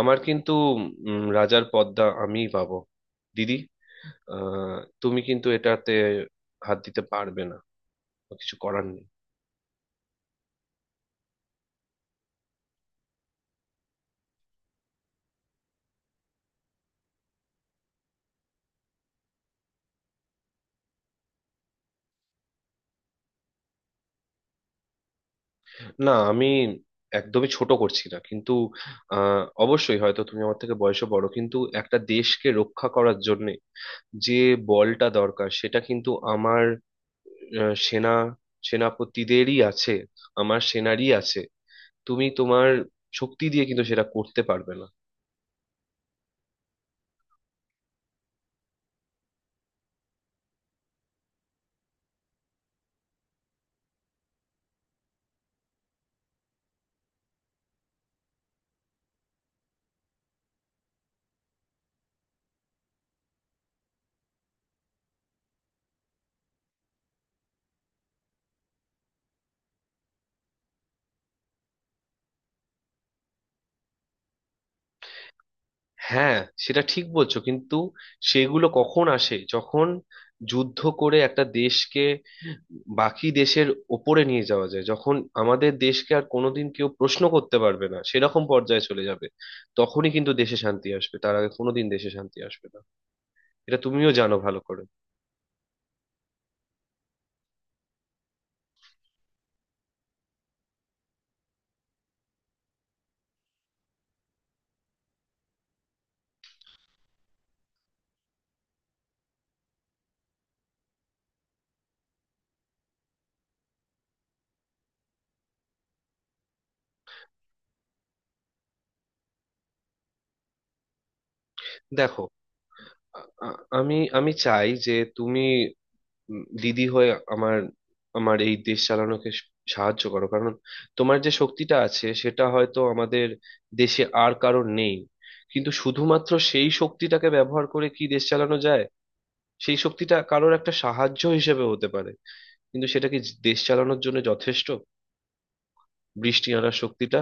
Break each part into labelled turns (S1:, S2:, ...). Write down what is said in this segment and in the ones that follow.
S1: আমার কিন্তু রাজার পদটা আমিই পাবো, দিদি। আহ, তুমি কিন্তু এটাতে হাত দিতে পারবে না। কিছু করার নেই। না, আমি একদমই ছোট করছি না কিন্তু অবশ্যই হয়তো তুমি আমার থেকে বয়সে বড়, কিন্তু একটা দেশকে রক্ষা করার জন্য যে বলটা দরকার, সেটা কিন্তু আমার আহ, সেনা সেনাপতিদেরই আছে। আমার সেনারই আছে। তুমি তোমার শক্তি দিয়ে কিন্তু সেটা করতে পারবে না। হ্যাঁ, সেটা ঠিক বলছো কিন্তু সেগুলো কখন আসে? যখন যুদ্ধ করে একটা দেশকে বাকি দেশের ওপরে নিয়ে যাওয়া যায়, যখন আমাদের দেশকে আর কোনোদিন কেউ প্রশ্ন করতে পারবে না সেরকম পর্যায়ে চলে যাবে, তখনই কিন্তু দেশে শান্তি আসবে। তার আগে কোনোদিন দেশে শান্তি আসবে না। এটা তুমিও জানো ভালো করে। দেখো, আ- আ- আমি আমি চাই যে তুমি দিদি হয়ে আমার আমার এই দেশ চালানোকে সাহায্য করো, কারণ তোমার যে শক্তিটা আছে সেটা হয়তো আমাদের দেশে আর কারোর নেই। কিন্তু শুধুমাত্র সেই শক্তিটাকে ব্যবহার করে কি দেশ চালানো যায়? সেই শক্তিটা কারোর একটা সাহায্য হিসেবে হতে পারে, কিন্তু সেটা কি দেশ চালানোর জন্য যথেষ্ট? বৃষ্টি আনার শক্তিটা?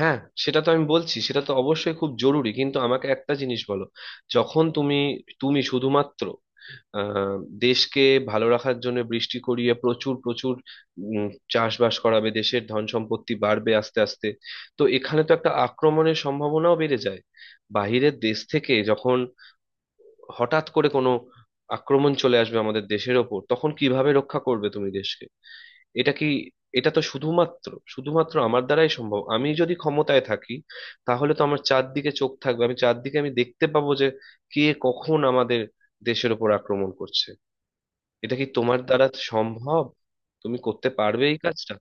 S1: হ্যাঁ, সেটা তো আমি বলছি, সেটা তো অবশ্যই খুব জরুরি, কিন্তু আমাকে একটা জিনিস বলো। যখন তুমি তুমি শুধুমাত্র আহ দেশকে ভালো রাখার জন্য বৃষ্টি করিয়ে প্রচুর প্রচুর উম, চাষবাস করাবে, দেশের ধন সম্পত্তি বাড়বে আস্তে আস্তে। তো এখানে তো একটা আক্রমণের সম্ভাবনাও বেড়ে যায়। বাইরের দেশ থেকে যখন হঠাৎ করে কোনো আক্রমণ চলে আসবে আমাদের দেশের ওপর, তখন কিভাবে রক্ষা করবে তুমি দেশকে? এটা কি এটা তো শুধুমাত্র, আমার দ্বারাই সম্ভব। আমি যদি ক্ষমতায় থাকি, তাহলে তো আমার চারদিকে চোখ থাকবে। আমি চারদিকে দেখতে পাবো যে কে কখন আমাদের দেশের ওপর আক্রমণ করছে। এটা কি তোমার দ্বারা সম্ভব? তুমি করতে পারবে এই কাজটা?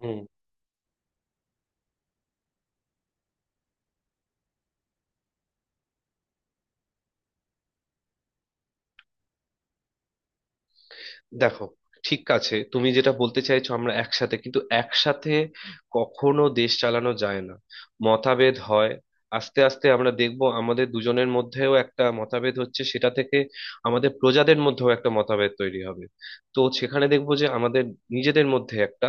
S1: হুম। দেখো, ঠিক আছে, তুমি যেটা বলতে চাইছো আমরা একসাথে, কিন্তু একসাথে কখনো দেশ চালানো যায় না। মতভেদ হয়। আস্তে আস্তে আমরা দেখব আমাদের দুজনের মধ্যেও একটা মতভেদ হচ্ছে। সেটা থেকে আমাদের প্রজাদের মধ্যেও একটা মতভেদ তৈরি হবে। তো সেখানে দেখব যে আমাদের নিজেদের মধ্যে একটা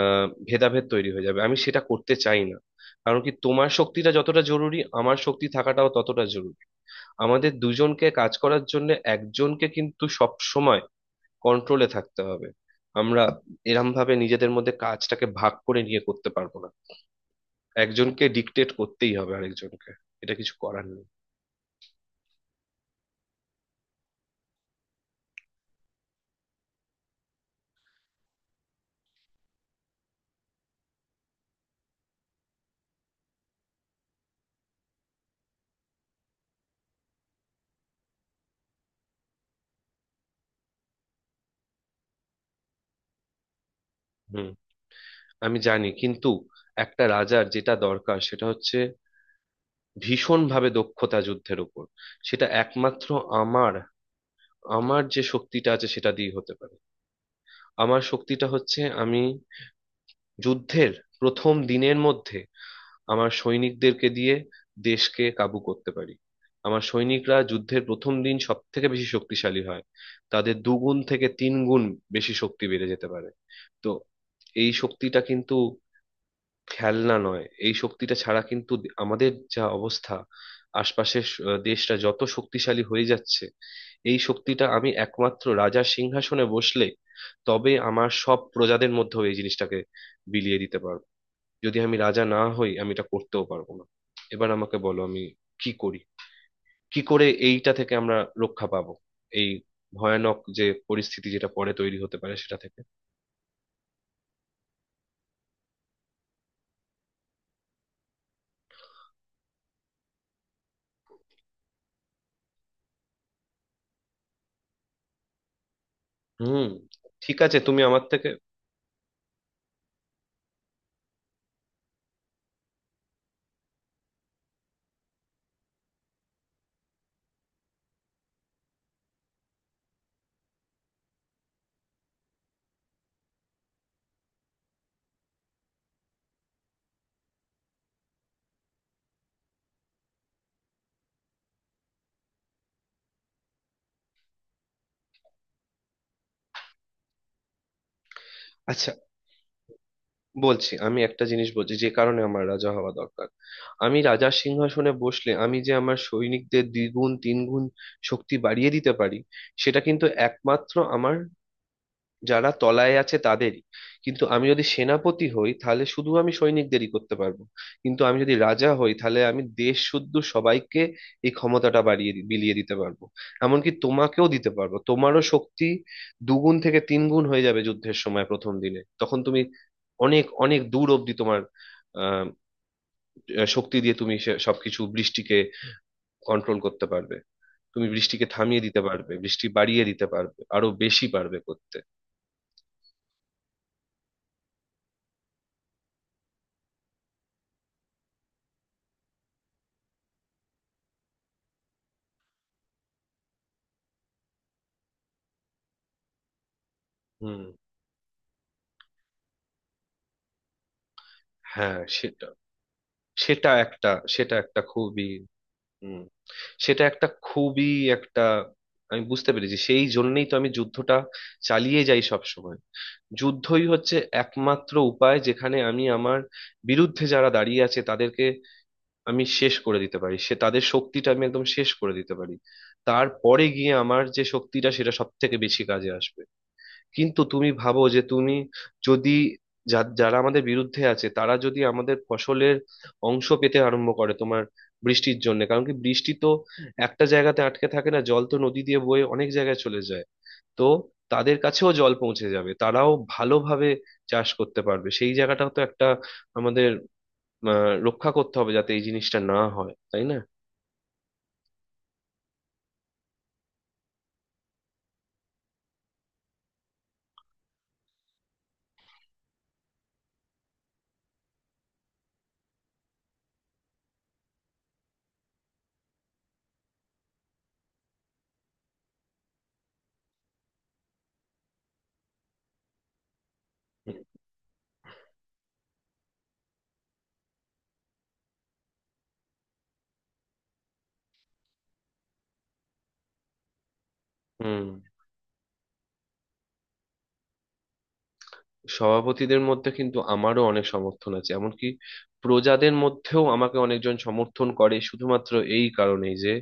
S1: ভেদাভেদ তৈরি হয়ে যাবে, আমি সেটা করতে চাই না। কারণ কি, তোমার শক্তিটা যতটা জরুরি আমার শক্তি থাকাটাও ততটা জরুরি। আমাদের দুজনকে কাজ করার জন্য একজনকে কিন্তু সব সময় কন্ট্রোলে থাকতে হবে। আমরা এরম ভাবে নিজেদের মধ্যে কাজটাকে ভাগ করে নিয়ে করতে পারবো না। একজনকে ডিক্টেট করতেই হবে আরেকজনকে। এটা কিছু করার নেই। হুম। আমি জানি কিন্তু একটা রাজার যেটা দরকার সেটা হচ্ছে ভীষণ ভাবে দক্ষতা যুদ্ধের উপর। সেটা একমাত্র আমার। আমার যে শক্তিটা আছে সেটা দিয়ে হতে পারে। আমার শক্তিটা হচ্ছে আমি যুদ্ধের প্রথম দিনের মধ্যে আমার সৈনিকদেরকে দিয়ে দেশকে কাবু করতে পারি। আমার সৈনিকরা যুদ্ধের প্রথম দিন সব থেকে বেশি শক্তিশালী হয়। তাদের দুগুণ থেকে তিন গুণ বেশি শক্তি বেড়ে যেতে পারে। তো এই শক্তিটা কিন্তু খেলনা নয়। এই শক্তিটা ছাড়া কিন্তু আমাদের যা অবস্থা, আশপাশের দেশটা যত শক্তিশালী হয়ে যাচ্ছে, এই শক্তিটা আমি একমাত্র রাজার সিংহাসনে বসলে তবে আমার সব প্রজাদের মধ্যেও এই জিনিসটাকে বিলিয়ে দিতে পারবো। যদি আমি রাজা না হই, আমি এটা করতেও পারবো না। এবার আমাকে বলো আমি কি করি? কি করে এইটা থেকে আমরা রক্ষা পাবো? এই ভয়ানক যে পরিস্থিতি যেটা পরে তৈরি হতে পারে সেটা থেকে? হুম। ঠিক আছে, তুমি আমার থেকে। আচ্ছা, বলছি। আমি একটা জিনিস বলছি যে কারণে আমার রাজা হওয়া দরকার। আমি রাজার সিংহাসনে বসলে আমি যে আমার সৈনিকদের দ্বিগুণ তিনগুণ শক্তি বাড়িয়ে দিতে পারি, সেটা কিন্তু একমাত্র আমার যারা তলায় আছে তাদেরই। কিন্তু আমি যদি সেনাপতি হই তাহলে শুধু আমি সৈনিকদেরই করতে পারবো। কিন্তু আমি যদি রাজা হই তাহলে আমি দেশ শুদ্ধ সবাইকে এই ক্ষমতাটা বাড়িয়ে বিলিয়ে দিতে পারবো। এমনকি তোমাকেও দিতে পারবো, তোমারও শক্তি দুগুণ থেকে তিন গুণ হয়ে যাবে যুদ্ধের সময় প্রথম দিনে। তখন তুমি অনেক অনেক দূর অব্দি তোমার আহ শক্তি দিয়ে তুমি সবকিছু বৃষ্টিকে কন্ট্রোল করতে পারবে। তুমি বৃষ্টিকে থামিয়ে দিতে পারবে, বৃষ্টি বাড়িয়ে দিতে পারবে, আরো বেশি পারবে করতে। হুম। হ্যাঁ, সেটা। সেটা একটা। সেটা একটা খুবই। হুম সেটা একটা খুবই একটা। আমি বুঝতে পেরেছি, সেই জন্যই তো আমি যুদ্ধটা চালিয়ে যাই সব সময়। যুদ্ধই হচ্ছে একমাত্র উপায় যেখানে আমি আমার বিরুদ্ধে যারা দাঁড়িয়ে আছে তাদেরকে আমি শেষ করে দিতে পারি। সে তাদের শক্তিটা আমি একদম শেষ করে দিতে পারি। তারপরে গিয়ে আমার যে শক্তিটা সেটা সব থেকে বেশি কাজে আসবে। কিন্তু তুমি ভাবো যে তুমি যদি যারা আমাদের বিরুদ্ধে আছে, তারা যদি আমাদের ফসলের অংশ পেতে আরম্ভ করে তোমার বৃষ্টির জন্য। কারণ কি, বৃষ্টি তো একটা জায়গাতে আটকে থাকে না, জল তো নদী দিয়ে বয়ে অনেক জায়গায় চলে যায়। তো তাদের কাছেও জল পৌঁছে যাবে, তারাও ভালোভাবে চাষ করতে পারবে। সেই জায়গাটাও তো একটা, আমাদের রক্ষা করতে হবে যাতে এই জিনিসটা না হয়, তাই না? হুম। সভাপতিদের মধ্যে কিন্তু আমারও অনেক সমর্থন আছে, এমনকি প্রজাদের মধ্যেও আমাকে অনেকজন সমর্থন করে, শুধুমাত্র এই কারণেই যে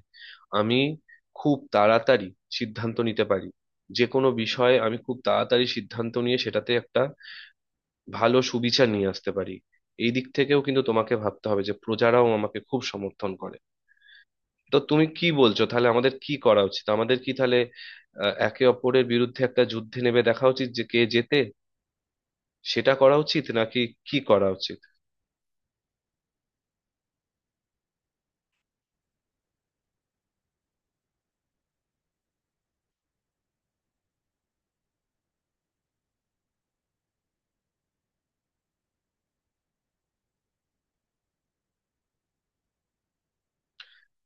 S1: আমি খুব তাড়াতাড়ি সিদ্ধান্ত নিতে পারি। যে কোনো বিষয়ে আমি খুব তাড়াতাড়ি সিদ্ধান্ত নিয়ে সেটাতে একটা ভালো সুবিচার নিয়ে আসতে পারি। এই দিক থেকেও কিন্তু তোমাকে ভাবতে হবে যে প্রজারাও আমাকে খুব সমর্থন করে। তো তুমি কি বলছো, তাহলে আমাদের কি করা উচিত? আমাদের কি তাহলে একে অপরের বিরুদ্ধে একটা যুদ্ধে নেমে দেখা উচিত যে কে জেতে? সেটা করা উচিত নাকি? কি করা উচিত?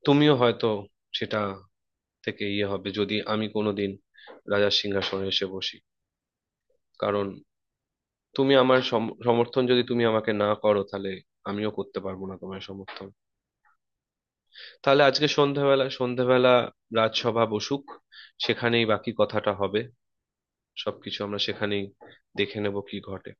S1: তুমিও হয়তো সেটা থেকে ইয়ে হবে যদি আমি কোনোদিন রাজার সিংহাসনে এসে বসি। কারণ তুমি আমার সমর্থন যদি তুমি আমাকে না করো, তাহলে আমিও করতে পারবো না তোমার সমর্থন। তাহলে আজকে সন্ধ্যাবেলা সন্ধ্যাবেলা রাজসভা বসুক, সেখানেই বাকি কথাটা হবে। সবকিছু আমরা সেখানেই দেখে নেব কি ঘটে।